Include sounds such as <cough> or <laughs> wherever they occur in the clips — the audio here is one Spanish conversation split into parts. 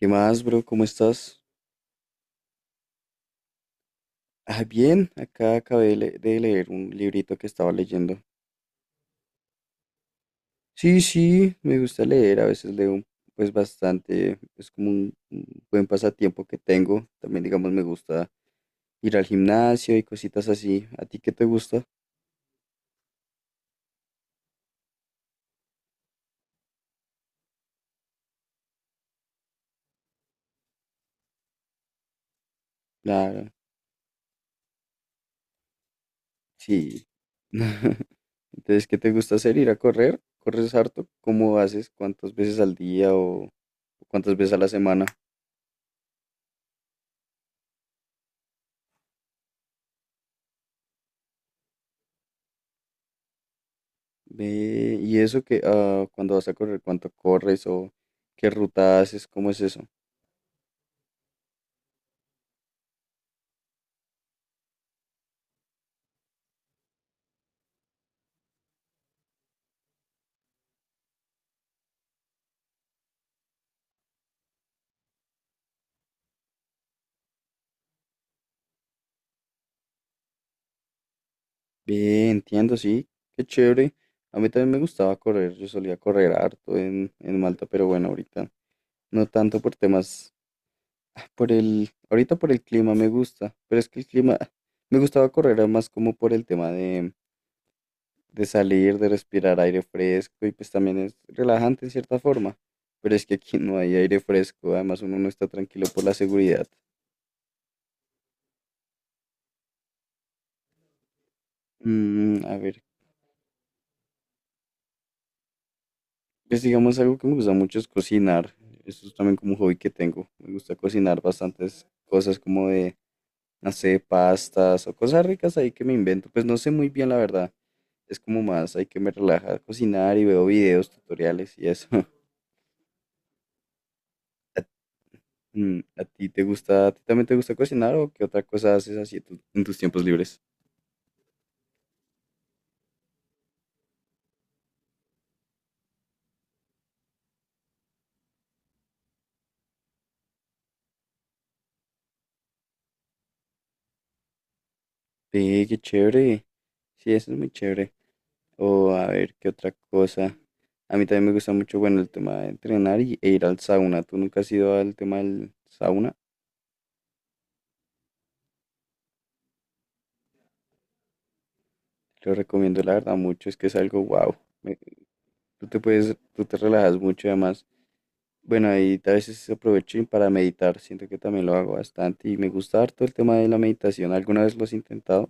¿Qué más, bro? ¿Cómo estás? Ah, bien, acá acabé de, de leer un librito que estaba leyendo. Sí, sí, me gusta leer, a veces leo pues bastante, es como un buen pasatiempo que tengo. También, digamos, me gusta ir al gimnasio y cositas así. ¿A ti qué te gusta? Claro, sí. <laughs> Entonces, ¿qué te gusta hacer? ¿Ir a correr? ¿Corres harto? ¿Cómo haces? ¿Cuántas veces al día o cuántas veces a la semana? Ve, y eso que ah, cuando vas a correr, cuánto corres o qué ruta haces, cómo es eso. Ve, entiendo, sí, qué chévere. A mí también me gustaba correr, yo solía correr harto en Malta, pero bueno, ahorita no tanto por temas, ah, por el, ahorita por el clima me gusta, pero es que el clima, <laughs> ah, me gustaba correr era más como por el tema de salir, de respirar aire fresco y pues también es relajante en cierta forma, pero es que aquí no hay aire fresco, además uno no está tranquilo por la seguridad. Mm, a ver, pues digamos algo que me gusta mucho es cocinar. Eso es también como un hobby que tengo. Me gusta cocinar bastantes cosas como de, no sé, pastas o cosas ricas ahí que me invento. Pues no sé muy bien la verdad. Es como más, hay que me relaja cocinar y veo videos, tutoriales y eso. <laughs> ¿A, ¿a ti te gusta, a ti también te gusta cocinar o qué otra cosa haces así en en tus tiempos libres? Sí, qué chévere. Sí, eso es muy chévere. O a ver, ¿qué otra cosa? A mí también me gusta mucho, bueno, el tema de entrenar y, e ir al sauna. ¿Tú nunca has ido al tema del sauna? Lo recomiendo, la verdad, mucho. Es que es algo wow. Me- tú te puedes, tú te relajas mucho y además. Bueno, ahí a veces aprovecho y para meditar. Siento que también lo hago bastante y me gusta harto el tema de la meditación. ¿Alguna vez lo has intentado?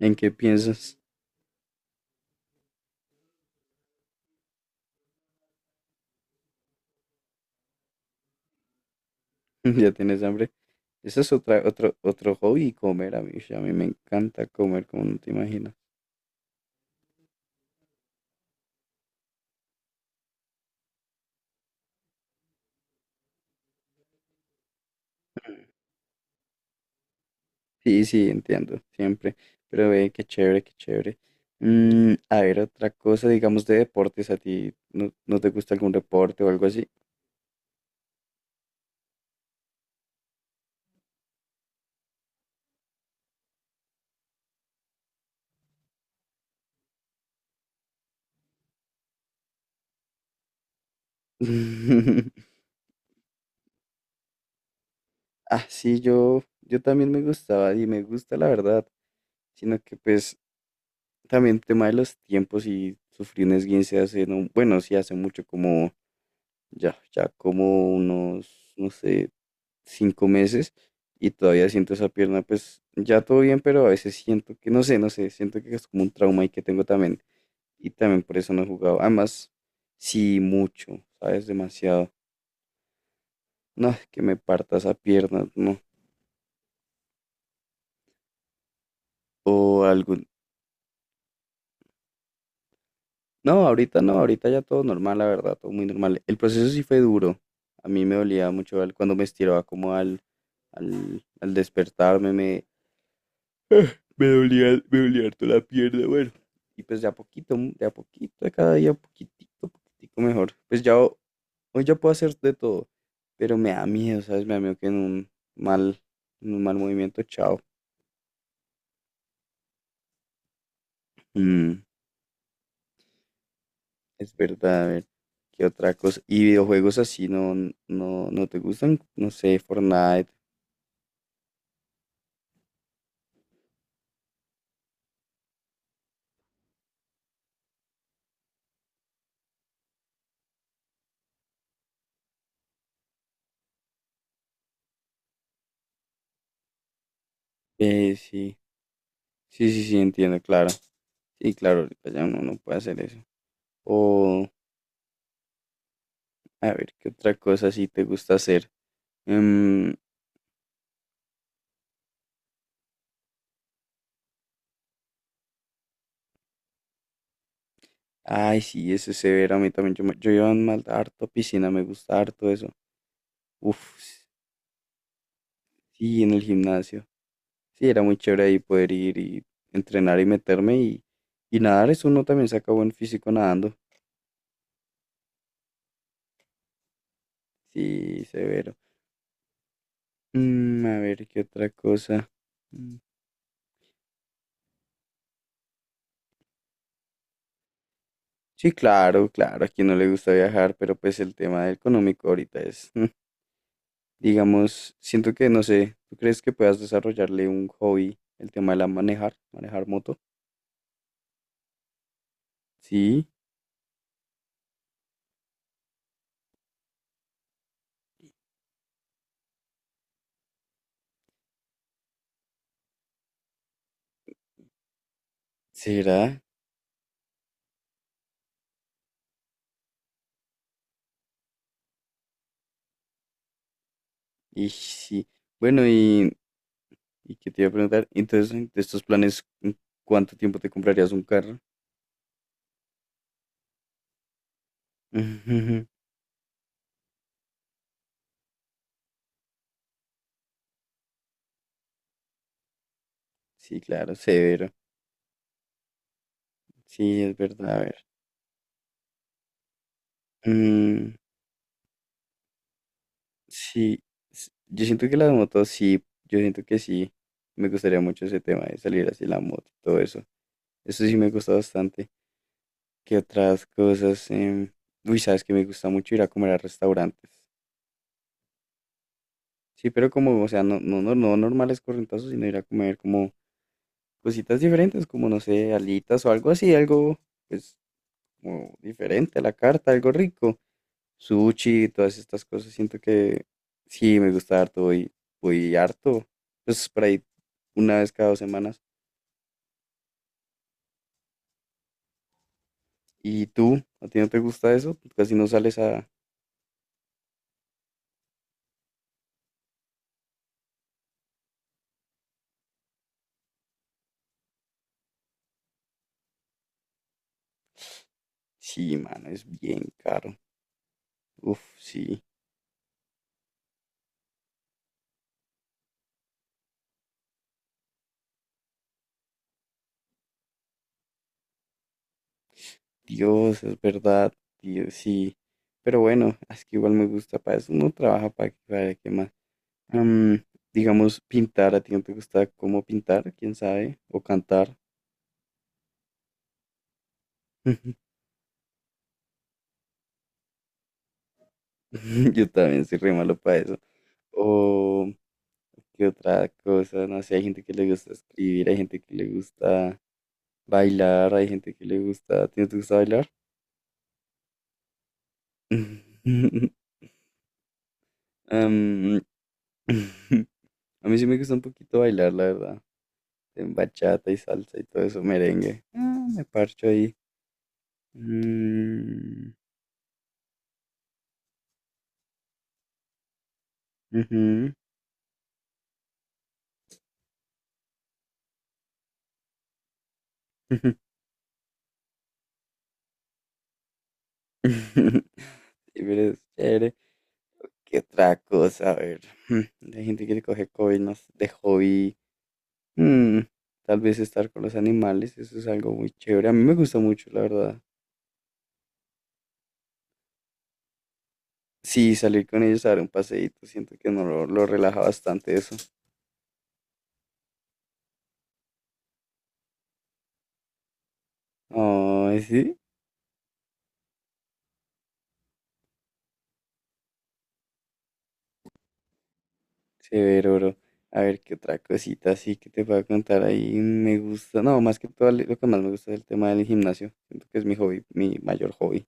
¿En qué piensas? <laughs> ¿Ya tienes hambre? Ese es otra, otro hobby, comer. A mí me encanta comer, como no te imaginas. Sí, sí, entiendo, siempre. Pero ve, qué chévere, qué chévere. Mm, a ver, otra cosa, digamos, de deportes, ¿a ti no te gusta algún deporte o algo así? <laughs> Ah, sí, yo también me gustaba y me gusta la verdad, sino que pues también tema de los tiempos y sufrí un esguince hace, no, bueno, sí hace mucho como, ya como unos, no sé, cinco meses y todavía siento esa pierna, pues ya todo bien, pero a veces siento que, no sé, siento que es como un trauma y que tengo también. Y también por eso no he jugado. Además, sí, mucho, ¿sabes? Demasiado. No, que me parta esa pierna, no. O algún... No, ahorita no, ahorita ya todo normal, la verdad, todo muy normal. El proceso sí fue duro. A mí me dolía mucho cuando me estiraba como al despertarme, me, me dolía harto la pierna, bueno. Y pues de a poquito, de cada día, poquitito, poquitico mejor. Pues ya hoy ya puedo hacer de todo, pero me da miedo, ¿sabes? Me da miedo que en un mal movimiento, chao. Mm, es verdad, a ver, ¿qué otra cosa? Y videojuegos así no te gustan, no sé, Fortnite. Eh, sí, sí, entiendo, claro. Sí, claro, ahorita ya uno no puede hacer eso. O, a ver, ¿qué otra cosa sí te gusta hacer? Em, Ay, sí, eso es severo. A mí también. Yo iba harto a piscina, me gusta harto eso. Uf, sí, en el gimnasio. Sí, era muy chévere ahí poder ir y entrenar y meterme y nadar. Eso uno también saca buen físico nadando. Sí, severo. Mm, a ver, ¿qué otra cosa? Mm, Sí, claro, claro, a quien no le gusta viajar, pero pues el tema económico ahorita es, mm, digamos, siento que, no sé, ¿tú crees que puedas desarrollarle un hobby, el tema de la manejar, manejar moto? Sí, será. Y sí, bueno, y qué te iba a preguntar, entonces, de estos planes, ¿en cuánto tiempo te comprarías un carro? Ujú, <laughs> Sí, claro, severo. Sí, es verdad, a ver. Mm, sí, yo siento que las motos sí, yo siento que sí, me gustaría mucho ese tema de salir así en la moto y todo eso. Eso sí me gusta bastante. ¿Qué otras cosas? Em, uy, sabes que me gusta mucho ir a comer a restaurantes. Sí, pero como, o sea, no normales corrientazos, sino ir a comer como cositas diferentes, como no sé, alitas o algo así, algo pues como diferente a la carta, algo rico. Sushi, todas estas cosas, siento que sí me gusta harto, voy, voy harto, pues por ahí una vez cada dos semanas. ¿Y tú? ¿A ti no te gusta eso? Pues, Casi no sales a... Sí, mano, es bien caro. Uf, sí. Dios, es verdad. Dios, sí. Pero bueno, es que igual me gusta para eso. Uno trabaja para que más. Am, digamos, pintar, ¿a ti no te gusta cómo pintar? ¿Quién sabe? O cantar. <laughs> Yo también soy re malo para eso. O qué otra cosa, no sé, hay gente que le gusta escribir, hay gente que le gusta bailar, hay gente que le gusta... ¿A ti no te gusta bailar? <laughs> Am, <laughs> a mí sí me gusta un poquito bailar, la verdad. En bachata y salsa y todo eso, merengue. Ah, me parcho ahí. Mm, ujú. <laughs> <laughs> Sí, pero es chévere. ¿Qué otra cosa? A ver, mm, la gente quiere coge COVID no de hobby. Mm, tal vez estar con los animales, eso es algo muy chévere. A mí me gusta mucho, la verdad. Sí, salir con ellos a dar un paseíto, siento que no lo relaja bastante eso. Ay, sí, severo, bro. A ver, ¿qué otra cosita así que te puedo contar ahí? Me gusta, no, más que todo, lo que más me gusta es el tema del gimnasio. Siento que es mi hobby, mi mayor hobby.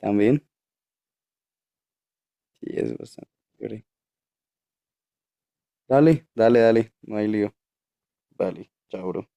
También, sí, es bastante chévere. Dale, dale, dale, no hay lío. Dale, chao, bro.